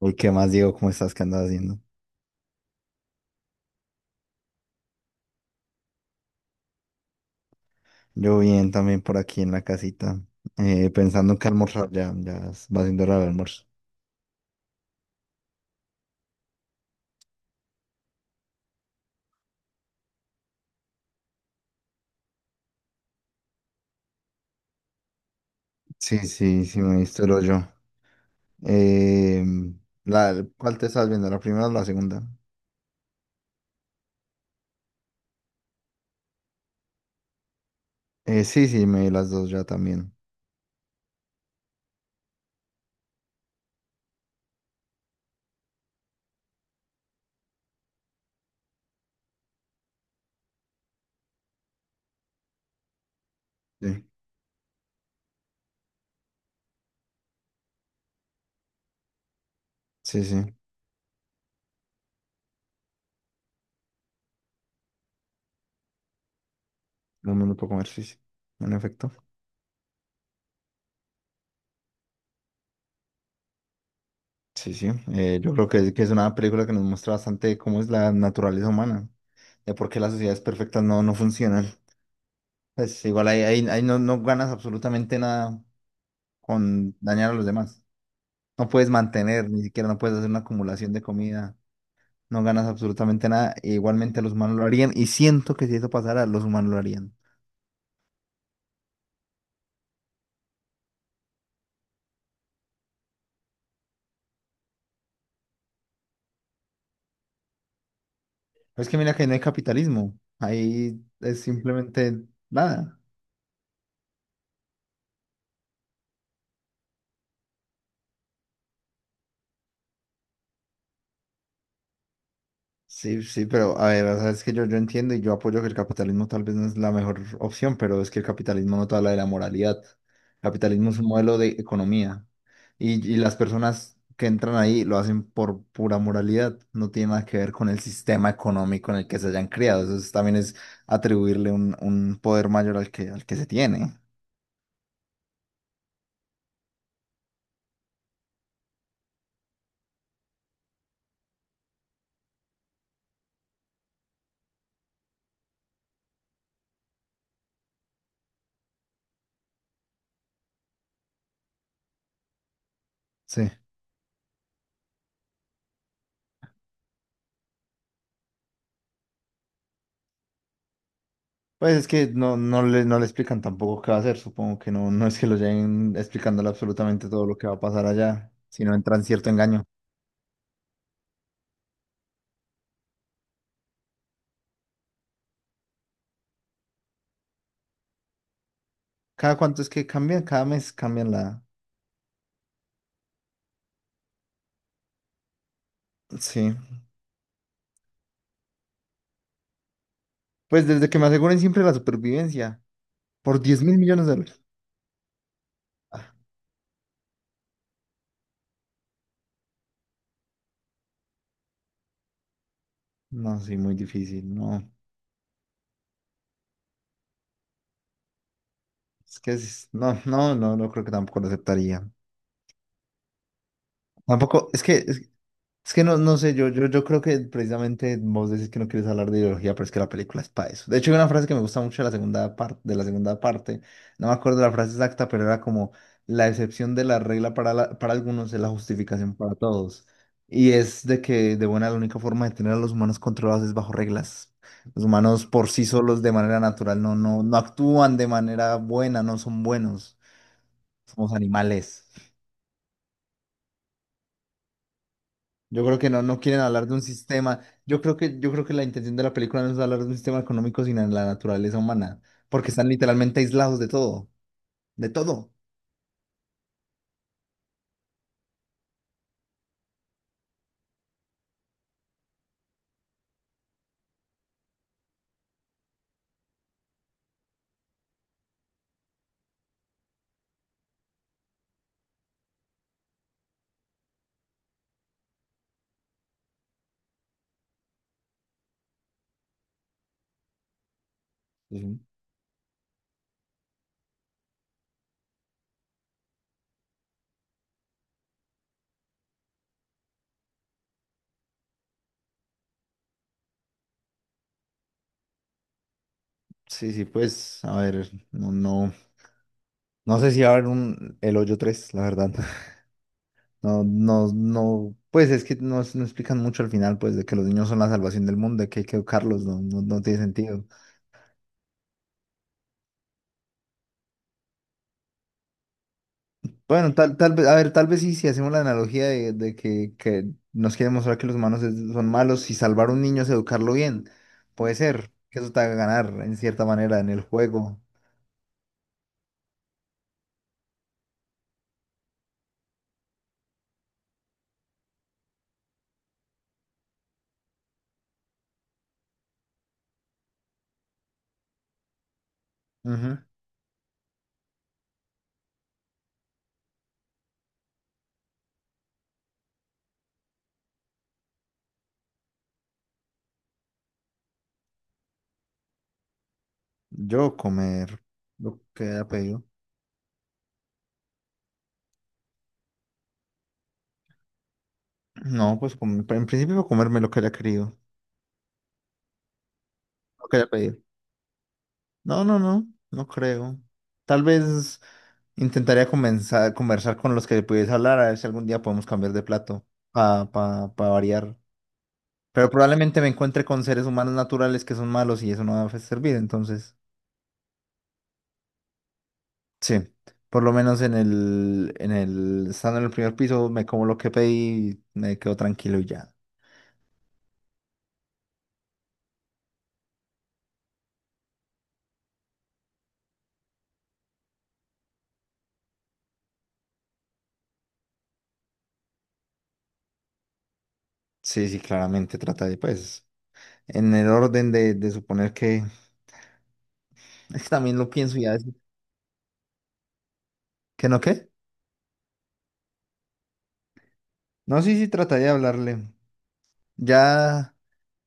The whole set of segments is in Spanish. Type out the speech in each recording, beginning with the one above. Uy, ¿qué más, Diego? ¿Cómo estás? ¿Qué andas haciendo? Yo bien, también por aquí en la casita, pensando en qué almorzar, va siendo hora del almuerzo. Sí, sí, sí, me diste el hoyo. Eh, ¿Cuál te estás viendo? ¿La primera o la segunda? Sí, sí, me vi las dos ya también. Sí, sí, sí, lo mismo puedo comer, sí, sí, en efecto. Sí, sí, yo creo que es una película que nos muestra bastante cómo es la naturaleza humana, de por qué las sociedades perfectas no funcionan. Pues igual ahí no ganas absolutamente nada con dañar a los demás. No puedes mantener, ni siquiera no puedes hacer una acumulación de comida, no ganas absolutamente nada, e igualmente los humanos lo harían, y siento que si eso pasara, los humanos lo harían. Pero es que mira que no hay capitalismo, ahí es simplemente nada. Sí, sí, pero a ver, o sea, es que yo entiendo y yo apoyo que el capitalismo tal vez no es la mejor opción, pero es que el capitalismo no te habla de la moralidad. El capitalismo es un modelo de economía y las personas que entran ahí lo hacen por pura moralidad, no tiene nada que ver con el sistema económico en el que se hayan criado. Eso es- también es atribuirle un poder mayor al al que se tiene. Sí. Pues es que no le explican tampoco qué va a hacer, supongo que no, no es que lo lleguen explicándole absolutamente todo lo que va a pasar allá, sino entran cierto engaño. ¿Cada cuánto es que cambian? Cada mes cambian la... Sí. Pues desde que me aseguren siempre la supervivencia, por 10.000 millones de dólares. Ah, no, sí, muy difícil, no. Es que es- no, no, no, no creo que tampoco lo aceptaría. Tampoco, es que es que no, no sé, yo creo que precisamente vos decís que no quieres hablar de ideología, pero es que la película es para eso. De hecho, hay una frase que me gusta mucho de la segunda parte, no me acuerdo la frase exacta, pero era como la excepción de la regla para algunos es la justificación para todos. Y es de que de buena la única forma de tener a los humanos controlados es bajo reglas. Los humanos por sí solos de manera natural no actúan de manera buena, no son buenos, somos animales. Yo creo que no, no quieren hablar de un sistema. Yo creo que la intención de la película no es hablar de un sistema económico, sino de la naturaleza humana, porque están literalmente aislados de todo, de todo. Ujú. Sí, sí, pues, a ver, no, no sé si va a haber un El Hoyo tres la verdad. No, no, no, pues es que no explican mucho al final, pues, de que los niños son la salvación del mundo, de que hay que educarlos, no tiene sentido. Bueno, tal vez, a ver, tal vez sí, si hacemos la analogía de que nos quiere mostrar que los humanos es- son malos y salvar a un niño es educarlo bien. Puede ser que eso te haga ganar en cierta manera en el juego. Ujú. Yo comer lo que haya pedido. No, pues com- en principio comerme lo que haya querido, lo que haya pedido. No, no, no, no creo. Tal vez intentaría comenzar, conversar con los que pudiese hablar, a ver si algún día podemos cambiar de plato para pa, pa pa variar. Pero probablemente me encuentre con seres humanos naturales que son malos y eso no va a servir. Entonces, sí, por lo menos estando en el primer piso, me como lo que pedí me quedo tranquilo y ya. Sí, sí, claramente trata de, pues, en el orden de suponer que, es que también lo pienso ya, ¿que no qué? No, sí, sí, trata de hablarle. Ya.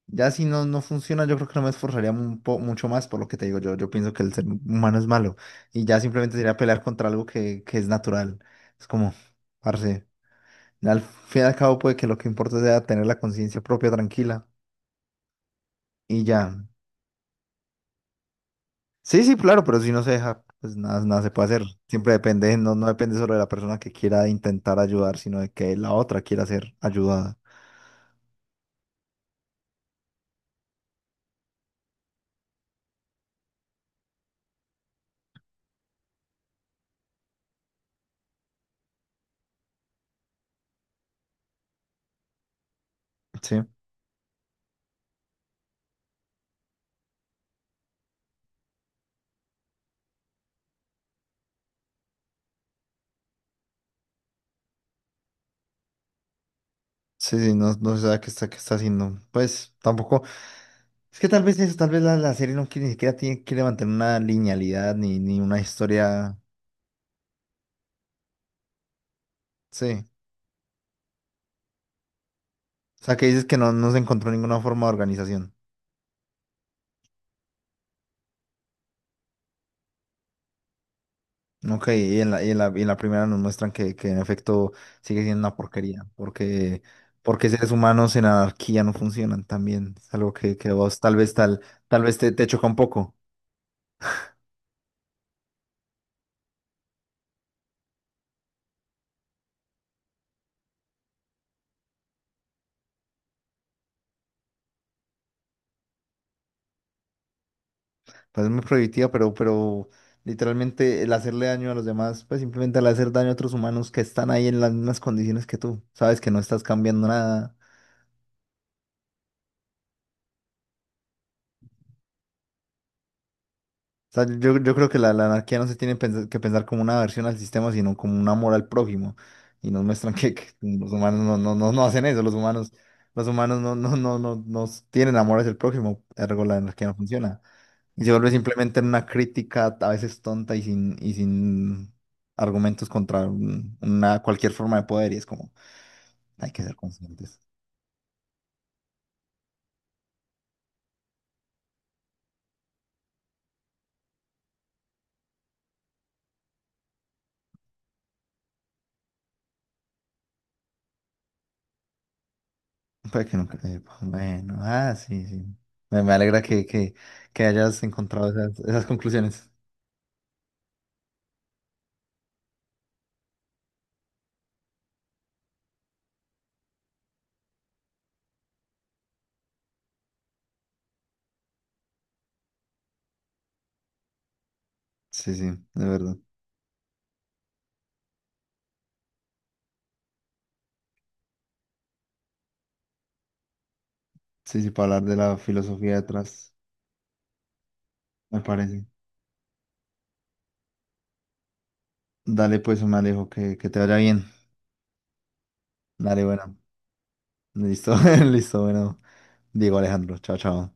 Ya si no, no funciona, yo creo que no me esforzaría mucho más por lo que te digo. Yo pienso que el ser humano es malo y ya simplemente sería pelear contra algo que es natural. Es como, parce, al fin y al cabo puede que lo que importa sea tener la conciencia propia tranquila y ya. Sí, sí, claro, pero si no se deja, pues nada, nada se puede hacer. Siempre depende, no depende solo de la persona que quiera intentar ayudar, sino de que la otra quiera ser ayudada. Sí, sí, sí, no, no se sabe qué está haciendo. Pues tampoco. Es que tal vez eso, tal vez la serie no quiere, ni siquiera tiene, quiere mantener una linealidad ni una historia. Sí. O sea, que dices que no, no se encontró ninguna forma de organización. Ok, y y en la primera nos muestran que en efecto sigue siendo una porquería, porque, porque seres humanos en anarquía no funcionan también. Es algo que vos tal vez tal, tal vez te choca un poco. Pues es muy prohibitiva, pero literalmente el hacerle daño a los demás, pues simplemente al hacer daño a otros humanos que están ahí en las mismas condiciones que tú, sabes que no estás cambiando nada. O sea, yo creo que la anarquía no se tiene pens- que pensar como una aversión al sistema, sino como un amor al prójimo. Y nos muestran que los humanos no hacen eso, los humanos no tienen amor hacia el prójimo, ergo la anarquía no funciona. Y se vuelve simplemente una crítica a veces tonta y sin argumentos contra un- una, cualquier forma de poder. Y es como, hay que ser conscientes. Puede que nunca te- Bueno, ah, sí, sí. Me alegra que hayas encontrado esas, esas conclusiones. Sí, sí, de verdad. Sí, sí, para hablar de la filosofía detrás, me parece. Dale, pues, me alejo, que te vaya bien. Dale, bueno. Listo, listo, bueno. Diego Alejandro, chao, chao.